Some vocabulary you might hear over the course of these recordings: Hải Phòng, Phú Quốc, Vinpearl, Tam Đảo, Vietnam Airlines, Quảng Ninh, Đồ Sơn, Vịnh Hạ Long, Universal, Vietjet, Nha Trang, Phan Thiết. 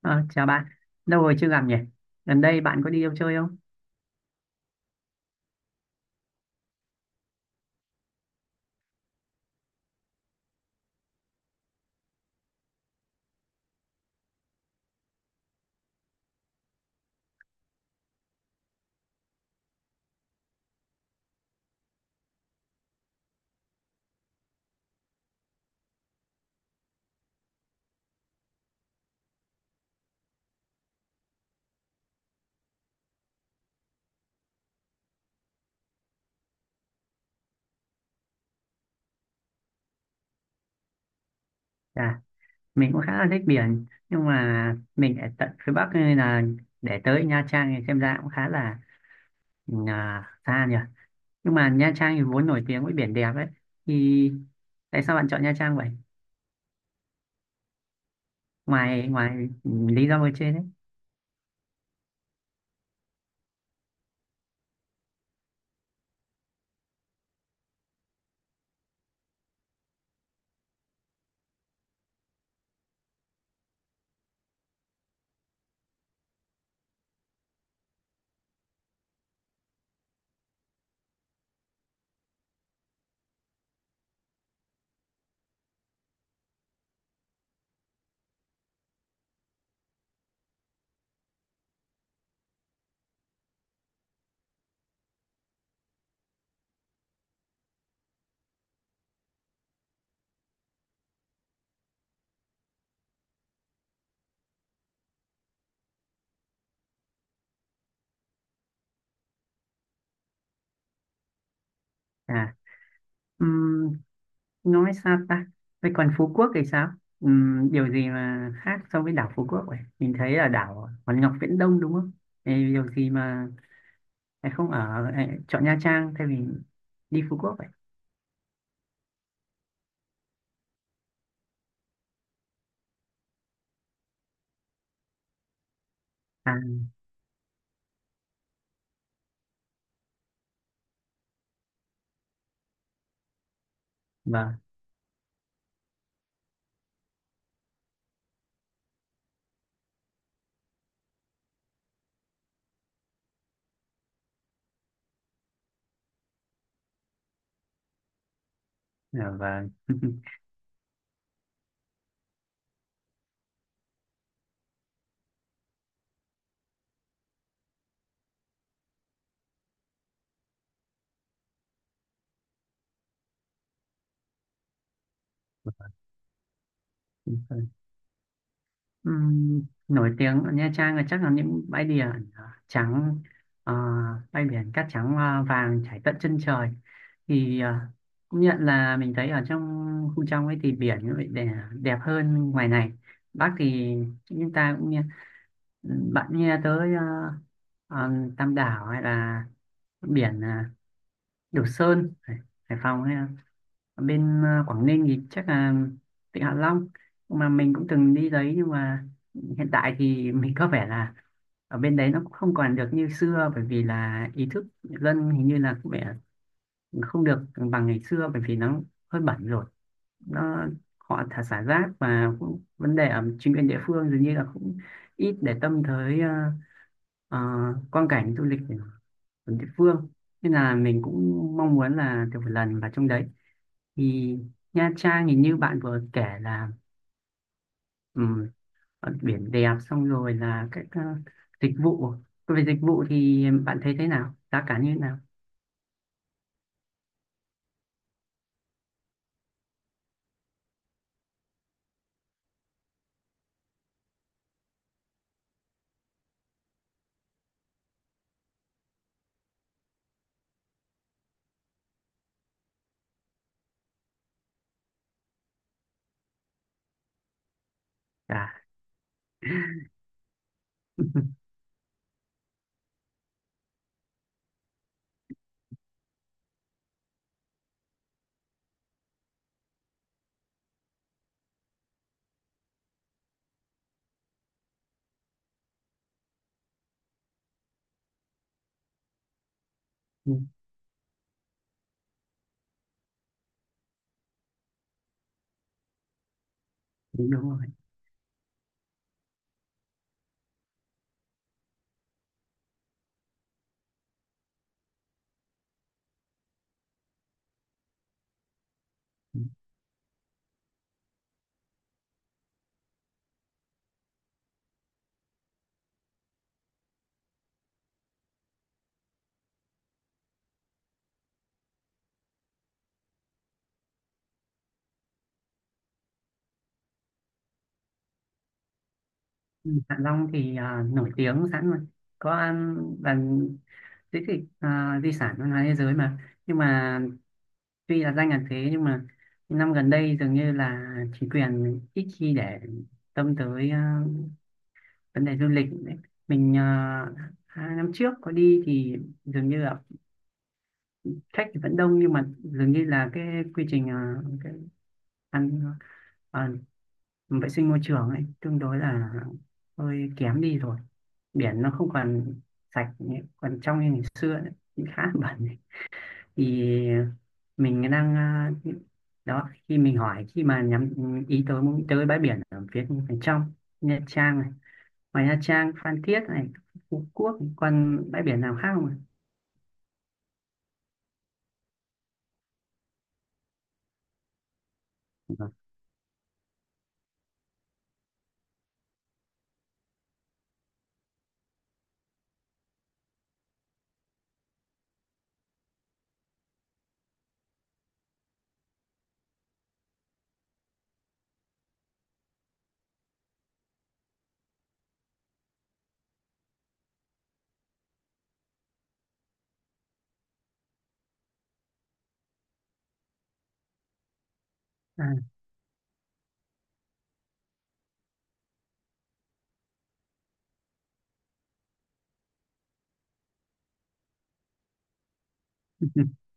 Ờ, Chào bạn, lâu rồi chưa gặp nhỉ? Gần đây bạn có đi đâu chơi không? À, mình cũng khá là thích biển, nhưng mà mình ở tận phía Bắc nên là để tới Nha Trang thì xem ra cũng khá là xa nhỉ. Nhưng mà Nha Trang thì vốn nổi tiếng với biển đẹp ấy, thì tại sao bạn chọn Nha Trang vậy? Ngoài ngoài ừ, lý do ở trên đấy. À, ừm, nói sao ta? Vậy còn Phú Quốc thì sao? Điều gì mà khác so với đảo Phú Quốc vậy? Mình thấy là đảo Hòn Ngọc Viễn Đông đúng không? Ê, điều gì mà em không ở em chọn Nha Trang thay vì đi Phú Quốc vậy? À, vâng. Dạ vâng. Đúng rồi. Ừm, nổi tiếng ở Nha Trang là chắc là những bãi biển trắng, ờ, bãi biển cát trắng vàng trải tận chân trời thì công nhận là mình thấy ở trong khu trong ấy thì biển nó lại đẹp hơn ngoài này. Bác thì chúng ta cũng nghe bạn nghe tới ờ, Tam Đảo hay là biển Đồ Sơn Hải, Hải Phòng ấy. Ở bên Quảng Ninh thì chắc là Vịnh Hạ Long mà mình cũng từng đi đấy, nhưng mà hiện tại thì mình có vẻ là ở bên đấy nó cũng không còn được như xưa, bởi vì là ý thức dân hình như là cũng vẻ không được bằng ngày xưa, bởi vì nó hơi bẩn rồi, nó họ thả xả rác và cũng vấn đề ở chính quyền địa phương dường như là cũng ít để tâm tới ờ, quang cảnh du lịch của địa phương, nên là mình cũng mong muốn là được một lần vào trong đấy. Thì Nha Trang thì như bạn vừa kể là ừm, biển đẹp, xong rồi là các dịch vụ. Về dịch vụ thì bạn thấy thế nào, giá cả như thế nào? Cả. Đúng, đúng rồi. Ừ, Hạ Long thì à, nổi tiếng sẵn rồi, có ăn bạn di tích à, di sản văn hóa thế giới mà. Nhưng mà tuy là danh là thế, nhưng mà những năm gần đây dường như là chính quyền ít khi để tâm tới à, vấn đề du lịch đấy. Mình 2 năm trước có đi thì dường như là khách thì vẫn đông, nhưng mà dường như là cái quy trình cái ăn ờ, vệ sinh môi trường ấy tương đối là hơi kém đi rồi. Biển nó không còn sạch nữa, còn trong như ngày xưa nữa, cũng khá là bẩn ấy. Thì mình đang ờ, đó khi mình hỏi khi mà nhắm ý tới muốn tới bãi biển ở phía bên trong Nha Trang này, ngoài Nha Trang, Phan Thiết này, Phú Quốc còn bãi biển nào khác không ạ? Vâng. À,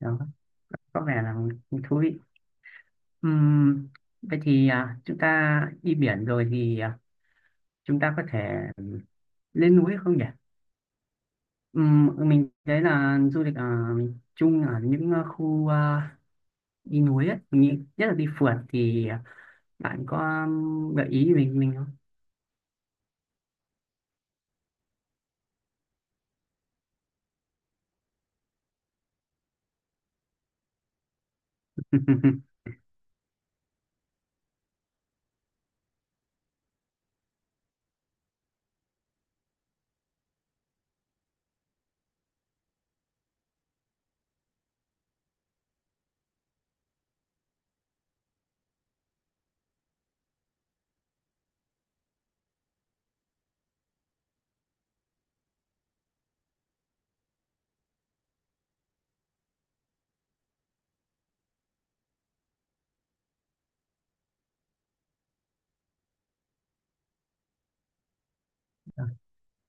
đó có vẻ là thú vị. Ừm, vậy thì à, chúng ta đi biển rồi thì à, chúng ta có thể lên núi không nhỉ? Mình thấy là du lịch ở miền Trung ở những khu đi núi ấy, mình nghĩ nhất là đi phượt thì bạn có gợi ý mình không?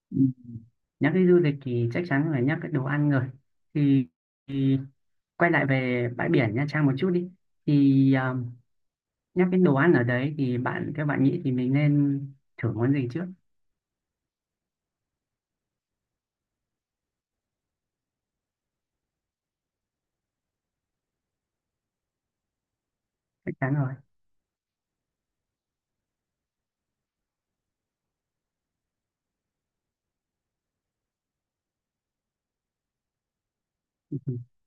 Ừ. Nhắc đến du lịch thì chắc chắn phải nhắc cái đồ ăn rồi thì, thì quay lại về bãi biển Nha Trang một chút đi. Thì à, nhắc đến đồ ăn ở đấy thì bạn theo bạn nghĩ thì mình nên thử món gì trước? Chắc chắn rồi.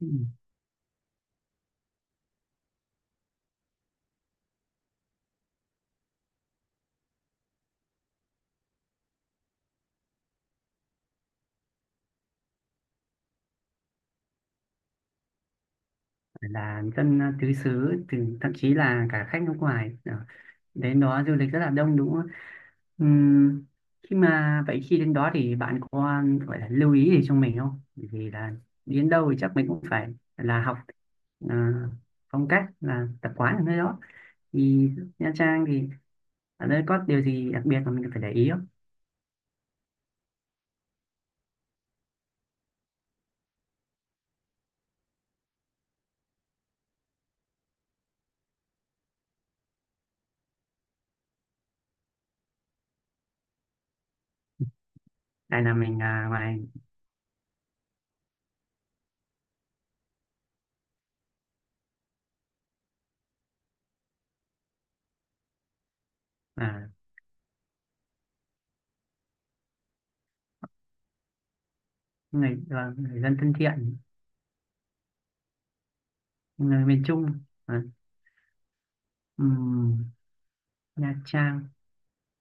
Ừ. Phải là dân tứ xứ, từ thậm chí là cả khách nước ngoài. Ờ, đến đó du lịch rất là đông đúng không? Ừm, khi mà vậy khi đến đó thì bạn có gọi là lưu ý gì cho mình không? Bởi vì là đến đâu thì chắc mình cũng phải là học à, phong cách là tập quán ở nơi đó. Thì Nha Trang thì ở đây có điều gì đặc biệt mà mình phải để ý không? Tại là mình à, ngoài à, người, là người dân thân thiện, người miền Trung, à, ừm, Nha Trang.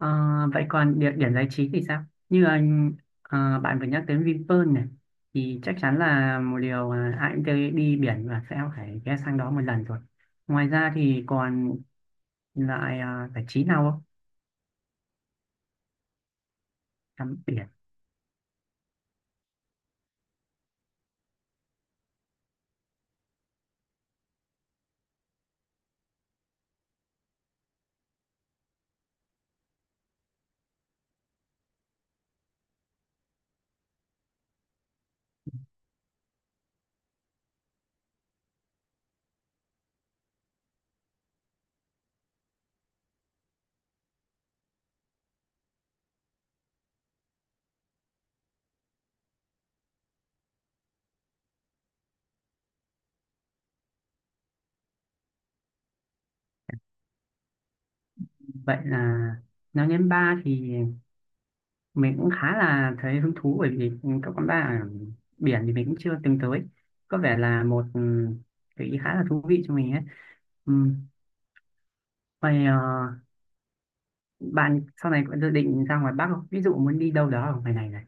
Ờ, vậy còn địa điểm giải trí thì sao? Như anh bạn vừa nhắc đến Vinpearl này thì chắc chắn là một điều mà ai cũng tới đi biển và sẽ phải ghé sang đó một lần rồi. Ngoài ra thì còn lại giải trí nào không? Tắm biển. Vậy là nói đến bar thì mình cũng khá là thấy hứng thú, bởi vì các quán bar ở biển thì mình cũng chưa từng tới. Có vẻ là một ừ, gợi ý khá là thú vị cho mình ấy. Ừ. Vậy bạn sau này có dự định ra ngoài Bắc không? Ví dụ muốn đi đâu đó ở ngoài này này.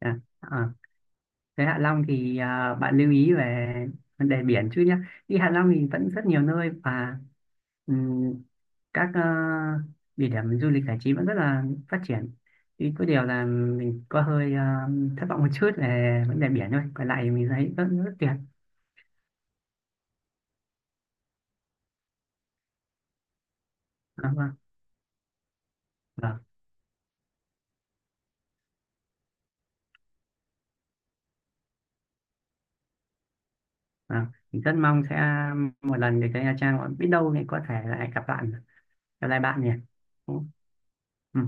À, à, thế Hạ Long thì à, bạn lưu ý về vấn đề biển chứ nhé. Đi Hạ Long thì vẫn rất nhiều nơi và ừm, các địa điểm du lịch giải trí vẫn rất là phát triển. Thì có điều là mình có hơi thất vọng một chút về vấn đề biển thôi. Còn lại thì mình thấy rất rất tuyệt. À, vâng, vâng, vâng. Mình rất mong sẽ một lần được tới Nha Trang. Biết đâu thì có thể lại gặp bạn, gặp lại bạn nhỉ. Ừ.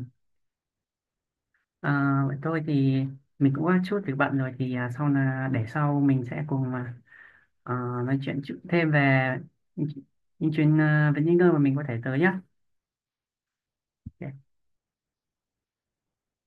À, vậy tôi thì mình cũng có chút việc bận rồi thì à, sau là để sau mình sẽ cùng à, à, nói chuyện chút thêm về những, chuyện những chuyến à, về những nơi mà mình có thể tới nhá. Ok.